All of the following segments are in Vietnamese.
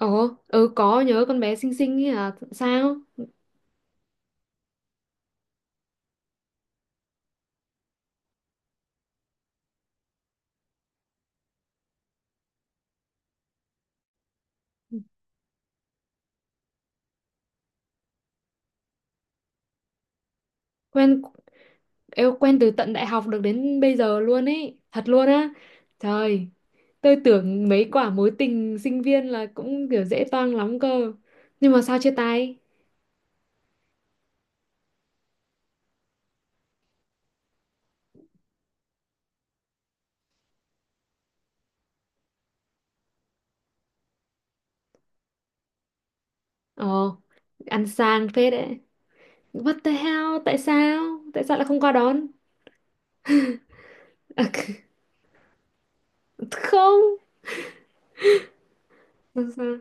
Ồ, ừ có nhớ con bé xinh xinh ấy à, sao? Quen, eo quen từ tận đại học được đến bây giờ luôn ấy, thật luôn á. Trời, tôi tưởng mấy quả mối tình sinh viên là cũng kiểu dễ toang lắm cơ. Nhưng mà sao chia tay? Ồ, ăn sang phết đấy. What the hell? Tại sao? Tại sao lại không qua đón? À, không. Làm sao?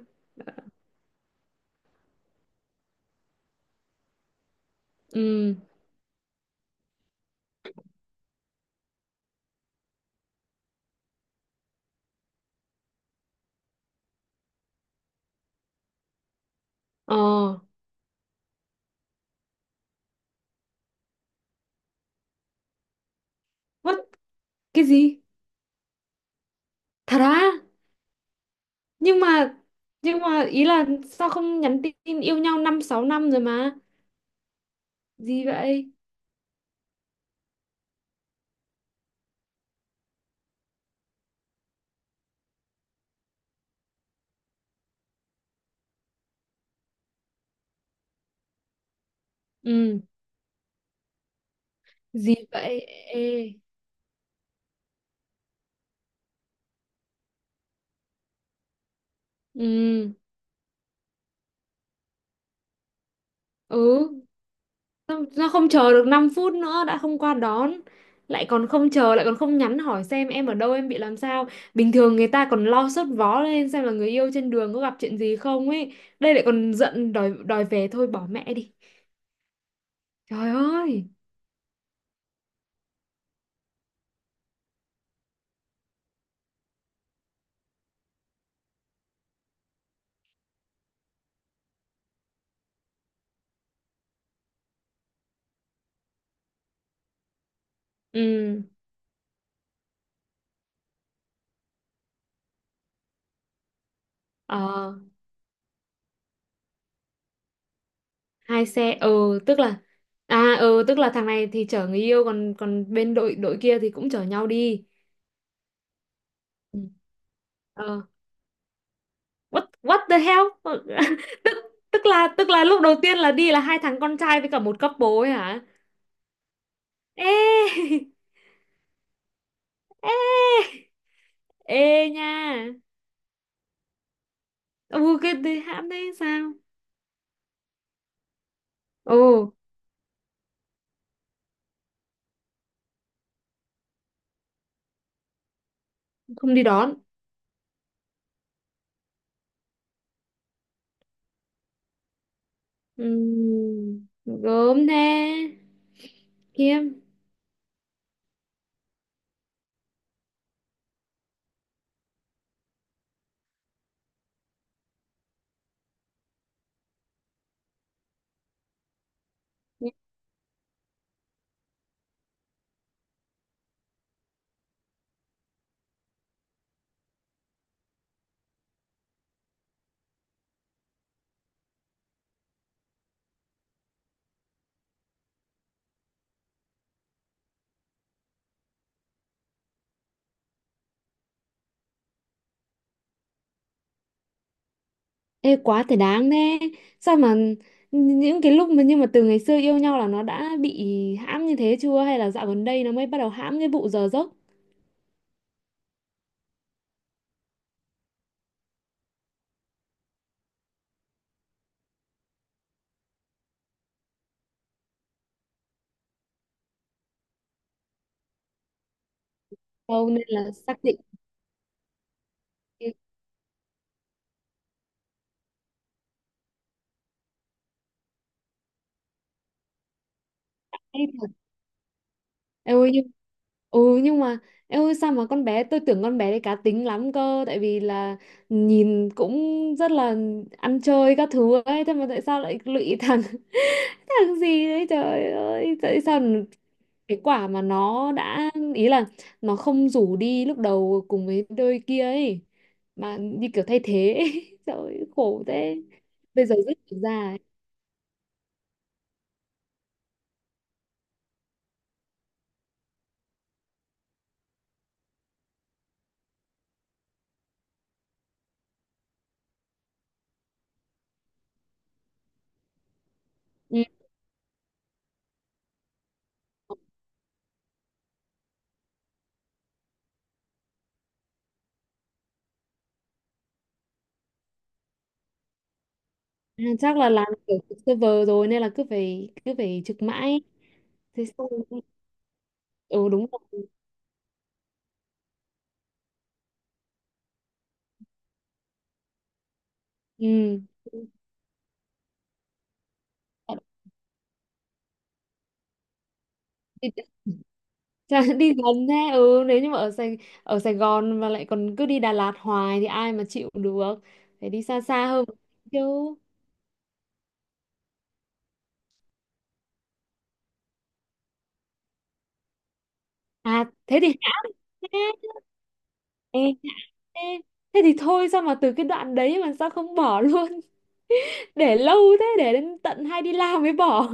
Ừ. Ồ, what? Cái gì? Thật á? nhưng mà nhưng mà ý là sao không nhắn tin, yêu nhau 5 6 năm rồi mà gì vậy? Ừ, gì vậy? Ê. Ừ. Ừ, sao không chờ được 5 phút nữa, đã không qua đón lại còn không chờ, lại còn không nhắn hỏi xem em ở đâu, em bị làm sao. Bình thường người ta còn lo sốt vó lên xem là người yêu trên đường có gặp chuyện gì không ấy, đây lại còn giận đòi, đòi về thôi bỏ mẹ đi. Trời ơi. Ừ. Ờ, hai xe, ừ tức là à ừ tức là thằng này thì chở người yêu, còn còn bên đội, đội kia thì cũng chở nhau đi. Ừ. Ờ, what what the hell tức, tức là lúc đầu tiên là đi là hai thằng con trai với cả một couple ấy hả? Ê ê ê nha. Ừ, cái thì hãm thế sao? Ồ, không đi đón. Gớm thế. Khiêm. Ê, quá thể đáng thế. Sao mà những cái lúc mà, nhưng mà từ ngày xưa yêu nhau là nó đã bị hãm như thế chưa, hay là dạo gần đây nó mới bắt đầu hãm cái vụ giờ giấc? Đâu nên là xác định. Em ơi nhưng, ừ nhưng mà em ơi, sao mà con bé, tôi tưởng con bé đấy cá tính lắm cơ, tại vì là nhìn cũng rất là ăn chơi các thứ ấy, thế mà tại sao lại lụy thằng thằng gì đấy, trời ơi tại sao? Cái quả mà nó đã ý là nó không rủ đi lúc đầu cùng với đôi kia ấy, mà như kiểu thay thế ấy. Trời ơi, khổ thế. Bây giờ rất ra ấy. Ừ. À, chắc là làm kiểu trực server rồi nên là cứ phải trực mãi. Thế xong. Ừ đúng rồi. Ừ, đi, chả- đi gần thế, ừ nếu như mà ở Sài, ở Sài Gòn mà lại còn cứ đi Đà Lạt hoài thì ai mà chịu được, phải đi xa xa hơn một tí chứ. À thế thì hay thế. Ê, thế, thế thì thôi, sao mà từ cái đoạn đấy mà sao không bỏ luôn? Để lâu thế, để đến tận hay đi làm mới bỏ.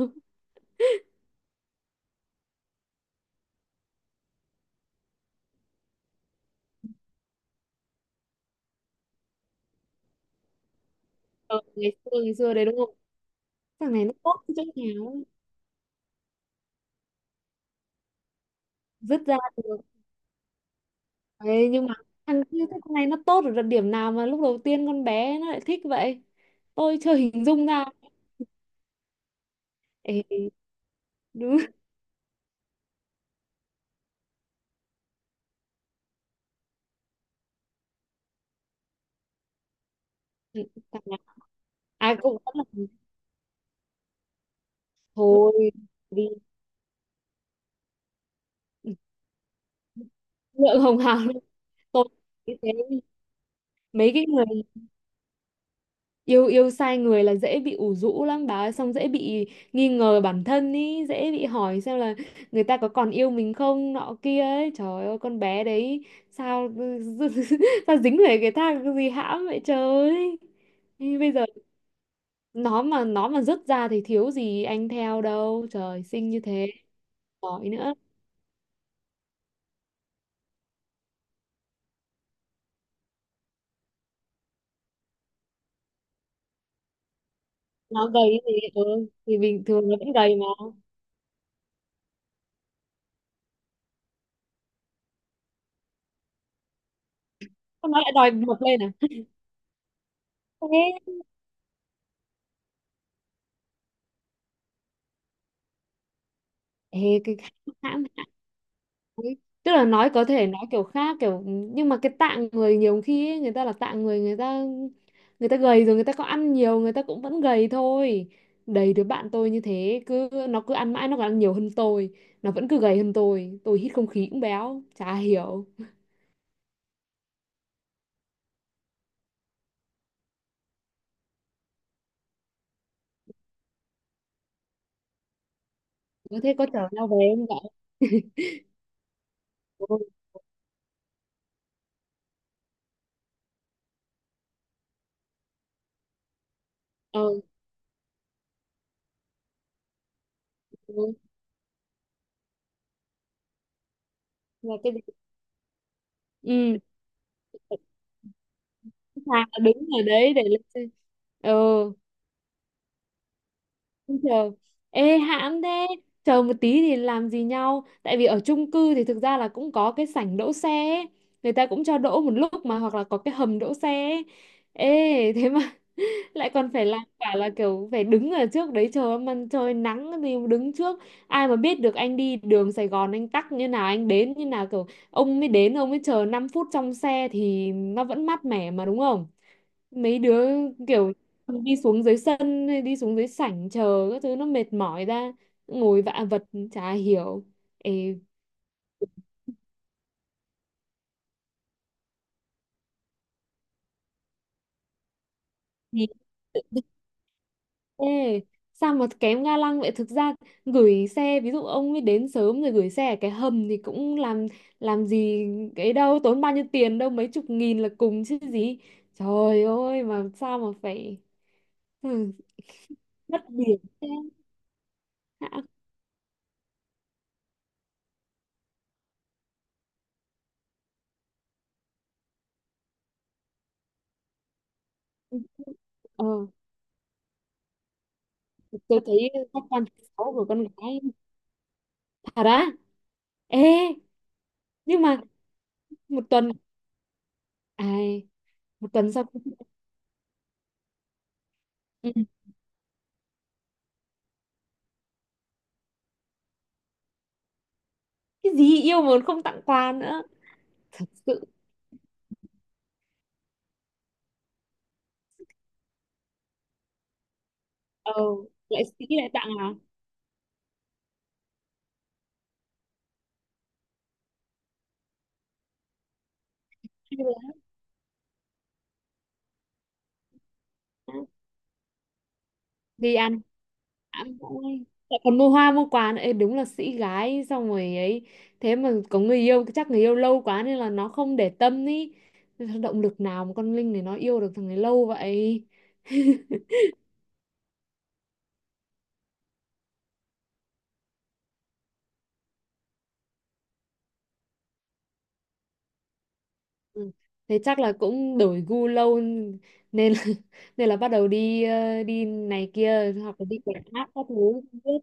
Ờ, ngày xưa, ngày xưa đấy đúng không? Thằng này nó tốt cái chỗ nào dứt ra được. Đấy, nhưng mà thằng kia, thế con này nó tốt ở điểm nào mà lúc đầu tiên con bé nó lại thích vậy? Tôi chưa hình dung ra. Ê, đúng. Thằng nào ai cũng vẫn là thôi đi. Lượng hồng hào lên. Tôi nghĩ thế. Mấy cái người yêu, yêu sai người là dễ bị ủ rũ lắm bà ơi, xong dễ bị nghi ngờ bản thân ý, dễ bị hỏi xem là người ta có còn yêu mình không nọ kia ấy, trời ơi con bé đấy sao sao dính về cái thang gì hãm vậy trời. Ý, bây giờ nó mà rớt ra thì thiếu gì anh theo đâu, trời xinh như thế, giỏi nữa. Nó gầy thì ừ, thì bình thường nó vẫn gầy mà. Sao nó lại đòi mập lên à? Thế. Ê, cái hãm hãm hãm ấy. Tức là nói có thể nói kiểu khác kiểu, nhưng mà cái tạng người nhiều khi ấy, người ta là tạng người, người ta gầy rồi, người ta có ăn nhiều người ta cũng vẫn gầy thôi. Đầy đứa bạn tôi như thế, cứ nó cứ ăn mãi, nó còn ăn nhiều hơn tôi, nó vẫn cứ gầy hơn tôi hít không khí cũng béo, chả hiểu. Có thế, có chở nhau về không vậy? Ôi, ờ, ừ, là cái gì? Ừ sẵn sàng là đứng ở đấy để lên xe. Ừ, chờ, ê hãm thế. Chờ một tí thì làm gì nhau? Tại vì ở chung cư thì thực ra là cũng có cái sảnh đỗ xe ấy. Người ta cũng cho đỗ một lúc mà, hoặc là có cái hầm đỗ xe ấy. Ê thế mà lại còn phải làm cả là kiểu phải đứng ở trước đấy chờ, em ăn trời nắng thì đứng trước, ai mà biết được anh đi đường Sài Gòn anh tắc như nào, anh đến như nào, kiểu ông mới đến, ông mới chờ 5 phút trong xe thì nó vẫn mát mẻ mà đúng không? Mấy đứa kiểu đi xuống dưới sân hay đi xuống dưới sảnh chờ các thứ nó mệt mỏi ra, ngồi vạ vật, chả hiểu. Ê, thì- Ê, sao mà kém ga lăng vậy? Thực ra gửi xe, ví dụ ông ấy đến sớm rồi gửi xe ở cái hầm thì cũng làm gì cái đâu, tốn bao nhiêu tiền đâu, mấy chục nghìn là cùng chứ gì. Trời ơi, mà sao mà phải ừ, mất điểm thế. Hả? Ờ, tôi thấy các quan thứ sáu của con gái thật á. Ê, nhưng mà 1 tuần, à, 1 tuần sau ừ. Cái gì yêu mà còn không tặng quà nữa. Sự, ờ, lại sĩ lại tặng à? Hay là- đi ăn. Ám cũng- lại còn mua hoa mua quà nữa. Ê, đúng là sĩ gái xong rồi ấy, thế mà có người yêu, chắc người yêu lâu quá nên là nó không để tâm ý, động lực nào mà con Linh này nó yêu được thằng này lâu vậy. Ừ. Thế chắc là cũng đổi gu lâu nên là, nên là bắt đầu đi ờ, đi này kia hoặc là đi quảng khác các thứ không biết.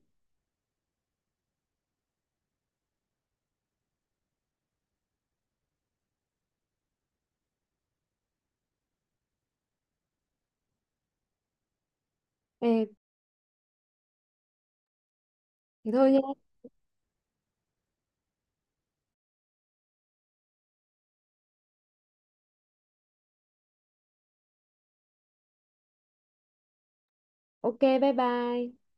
Ê, thì thôi nhá. OK bye bye.